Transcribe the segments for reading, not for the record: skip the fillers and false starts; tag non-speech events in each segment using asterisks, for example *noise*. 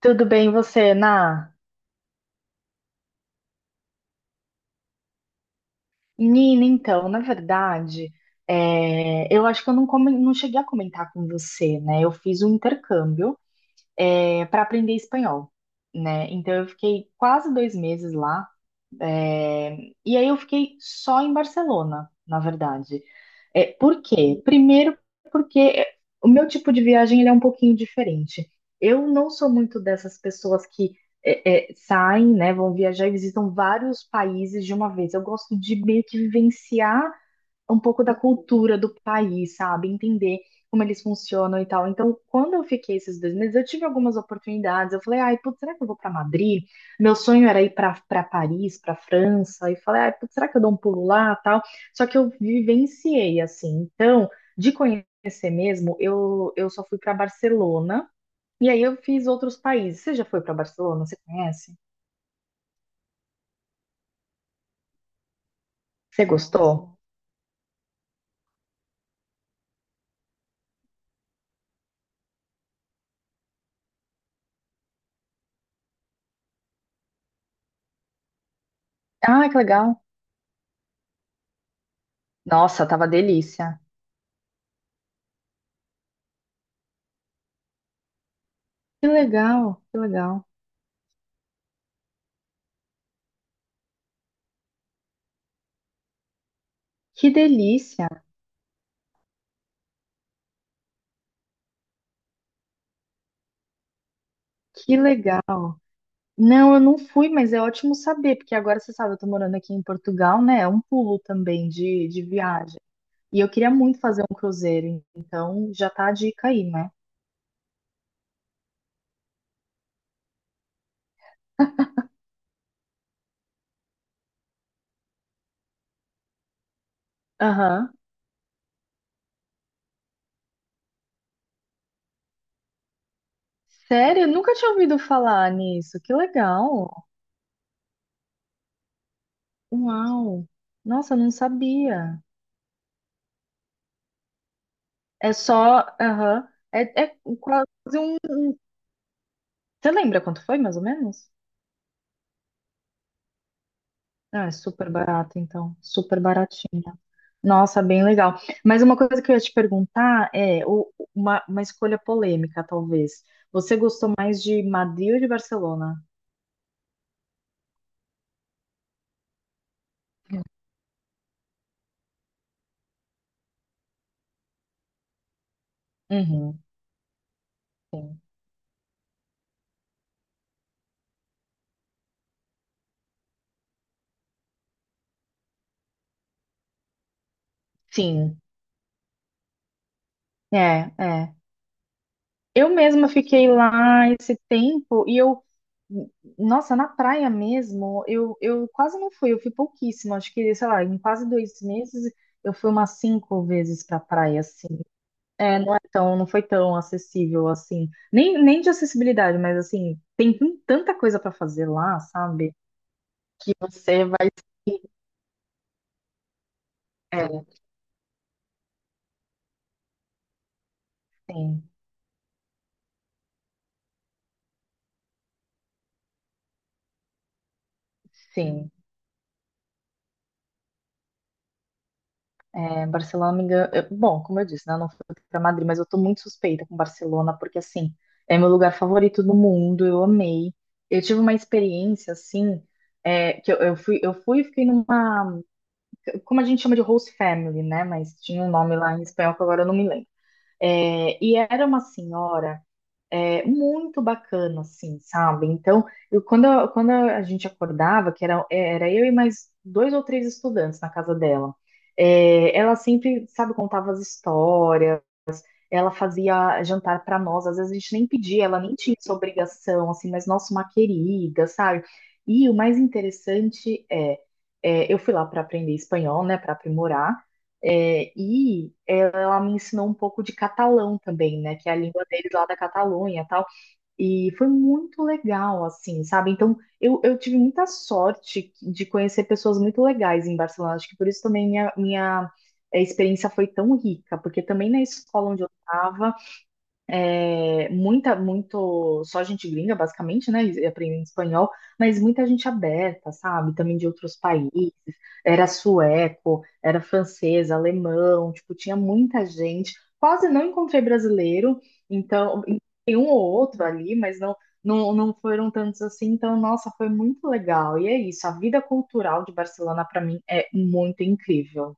Tudo bem, você, Na? Nina, então, na verdade, eu acho que eu não, não cheguei a comentar com você, né? Eu fiz um intercâmbio, para aprender espanhol, né? Então, eu fiquei quase 2 meses lá. É, e aí eu fiquei só em Barcelona, na verdade. Por quê? Primeiro, porque o meu tipo de viagem ele é um pouquinho diferente. Eu não sou muito dessas pessoas que saem, né, vão viajar e visitam vários países de uma vez. Eu gosto de meio que vivenciar um pouco da cultura do país, sabe? Entender como eles funcionam e tal. Então, quando eu fiquei esses 2 meses, eu tive algumas oportunidades. Eu falei, ai, putz, será que eu vou para Madrid? Meu sonho era ir para Paris, para França. E falei, ai, putz, será que eu dou um pulo lá, tal? Só que eu vivenciei assim. Então, de conhecer mesmo, eu só fui para Barcelona. E aí eu fiz outros países. Você já foi para Barcelona? Você conhece? Você gostou? Ah, que legal. Nossa, tava delícia. Que legal, que legal. Que delícia, que legal. Não, eu não fui, mas é ótimo saber, porque agora você sabe, eu tô morando aqui em Portugal, né? É um pulo também de viagem. E eu queria muito fazer um cruzeiro, então já tá a dica aí, né? Aham. Sério? Eu nunca tinha ouvido falar nisso. Que legal. Uau. Nossa, eu não sabia. É só. Aham. É, é quase um. Você lembra quanto foi, mais ou menos? Ah, é super barata, então. Super baratinha. Nossa, bem legal. Mas uma coisa que eu ia te perguntar é uma escolha polêmica, talvez. Você gostou mais de Madrid ou de Barcelona? Uhum, sim. Sim, é, é. Eu mesma fiquei lá esse tempo e eu, nossa, na praia mesmo, eu quase não fui, eu fui pouquíssimo, acho que, sei lá, em quase 2 meses eu fui umas cinco vezes pra praia, assim. Não é tão, não foi tão acessível assim. Nem de acessibilidade, mas assim, tem tanta coisa para fazer lá, sabe? Que você vai. É, sim, sim. É, Barcelona, me engano, bom, como eu disse, né? Eu não fui para Madrid, mas eu tô muito suspeita com Barcelona, porque assim, é meu lugar favorito do mundo, eu amei. Eu tive uma experiência assim, que eu fui e fiquei numa. Como a gente chama de host family, né? Mas tinha um nome lá em espanhol que agora eu não me lembro. É, e era uma senhora. É, muito bacana, assim, sabe? Então, quando a gente acordava, que era eu e mais dois ou três estudantes na casa dela, ela sempre, sabe, contava as histórias, ela fazia jantar para nós, às vezes a gente nem pedia, ela nem tinha essa obrigação, assim, mas nossa, uma querida, sabe? E o mais interessante é, eu fui lá para aprender espanhol, né, para aprimorar, e ela me ensinou um pouco de catalão também, né, que é a língua deles lá da Catalunha, tal. E foi muito legal, assim, sabe? Então, eu tive muita sorte de conhecer pessoas muito legais em Barcelona. Acho que por isso também minha experiência foi tão rica, porque também na escola onde eu estava muita, muito, só gente gringa, basicamente, né? e aprendendo espanhol, mas muita gente aberta, sabe? Também de outros países. Era sueco, era francês, alemão, tipo, tinha muita gente. Quase não encontrei brasileiro, então, tem um ou outro ali, mas não foram tantos assim. Então, nossa, foi muito legal. E é isso, a vida cultural de Barcelona, para mim, é muito incrível.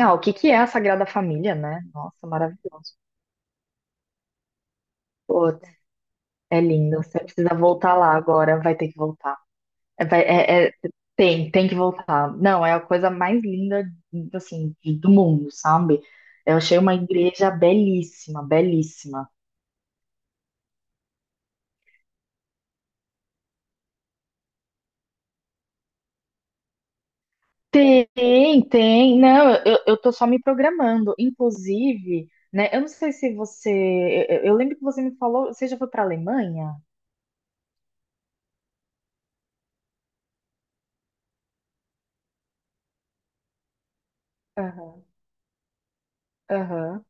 Ah, o que que é a Sagrada Família, né? Nossa, maravilhoso. Pô, é lindo. Você precisa voltar lá agora. Vai ter que voltar. É, tem que voltar. Não, é a coisa mais linda, assim, do mundo, sabe? Eu achei uma igreja belíssima, belíssima. Tem, tem. Não, eu tô só me programando. Inclusive, né? Eu não sei se você. Eu lembro que você me falou. Você já foi pra Alemanha? Aham, aham.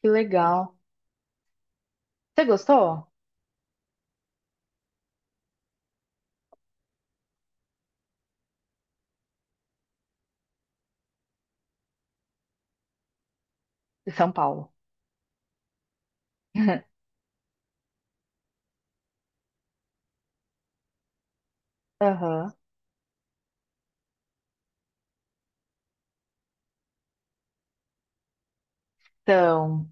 Que legal. Você gostou? De São Paulo. *laughs* Aham. Então,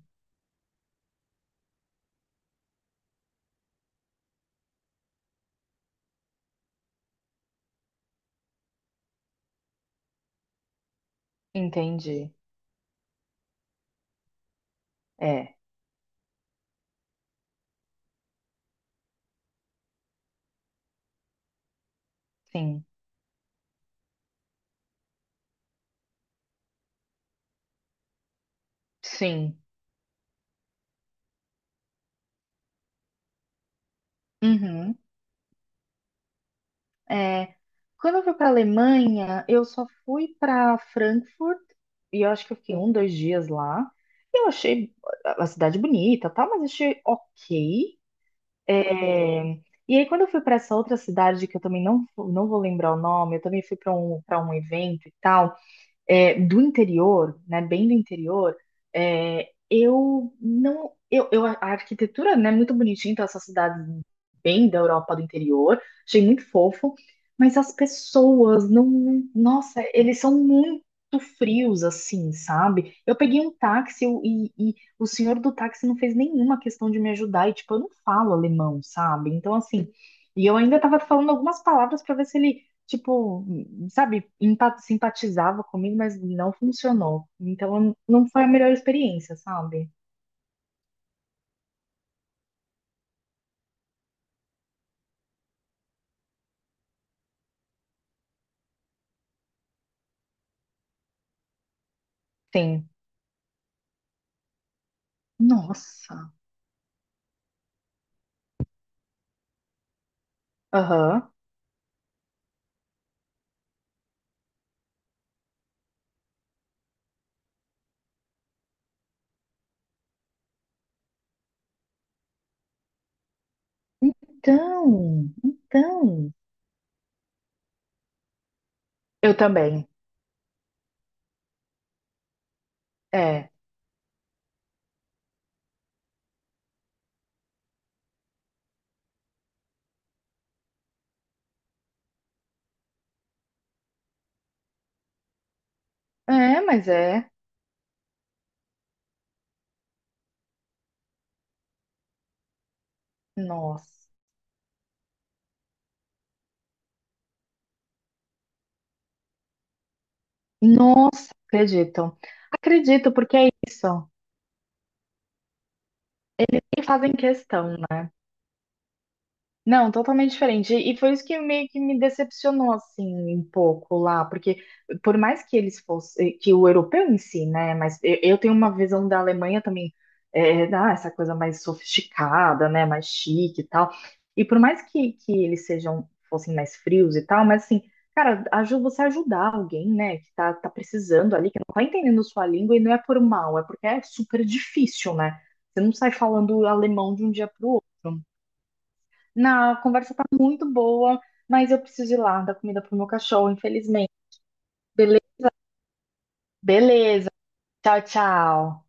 entendi. É. Sim, sim. Uhum. É, Quando eu fui para a Alemanha, eu só fui para Frankfurt e eu acho que eu fiquei um, dois dias lá. Eu achei a cidade bonita, tá? Mas achei ok. É, e aí quando eu fui para essa outra cidade que eu também não, não vou lembrar o nome, eu também fui para um evento e tal. Do interior, né, bem do interior, eu não, a arquitetura, né, é muito bonitinha, então essas cidades bem da Europa do interior, achei muito fofo, mas as pessoas não, não- nossa, eles são muito frios assim, sabe? Eu peguei um táxi e o senhor do táxi não fez nenhuma questão de me ajudar, e tipo, eu não falo alemão, sabe? Então assim, e eu ainda tava falando algumas palavras para ver se ele tipo, sabe, simpatizava comigo, mas não funcionou. Então não foi a melhor experiência, sabe? Sim. Nossa. Aham. Então, então. Eu também. É. É, mas é. Nossa. Não acredito. Acredito, porque é isso. E fazem questão, né? Não, totalmente diferente. E foi isso que meio que me decepcionou assim um pouco lá, porque por mais que eles fossem, que o europeu em si, né? Mas eu tenho uma visão da Alemanha também, essa coisa mais sofisticada, né? Mais chique e tal. E por mais que eles sejam fossem mais frios e tal, mas assim, cara, ajuda você ajudar alguém, né? Que tá, tá precisando ali, que não tá entendendo sua língua e não é por mal, é porque é super difícil, né? Você não sai falando alemão de um dia para o outro. Na, a conversa tá muito boa, mas eu preciso ir lá dar comida pro meu cachorro, infelizmente. Bele- Beleza. Tchau, tchau.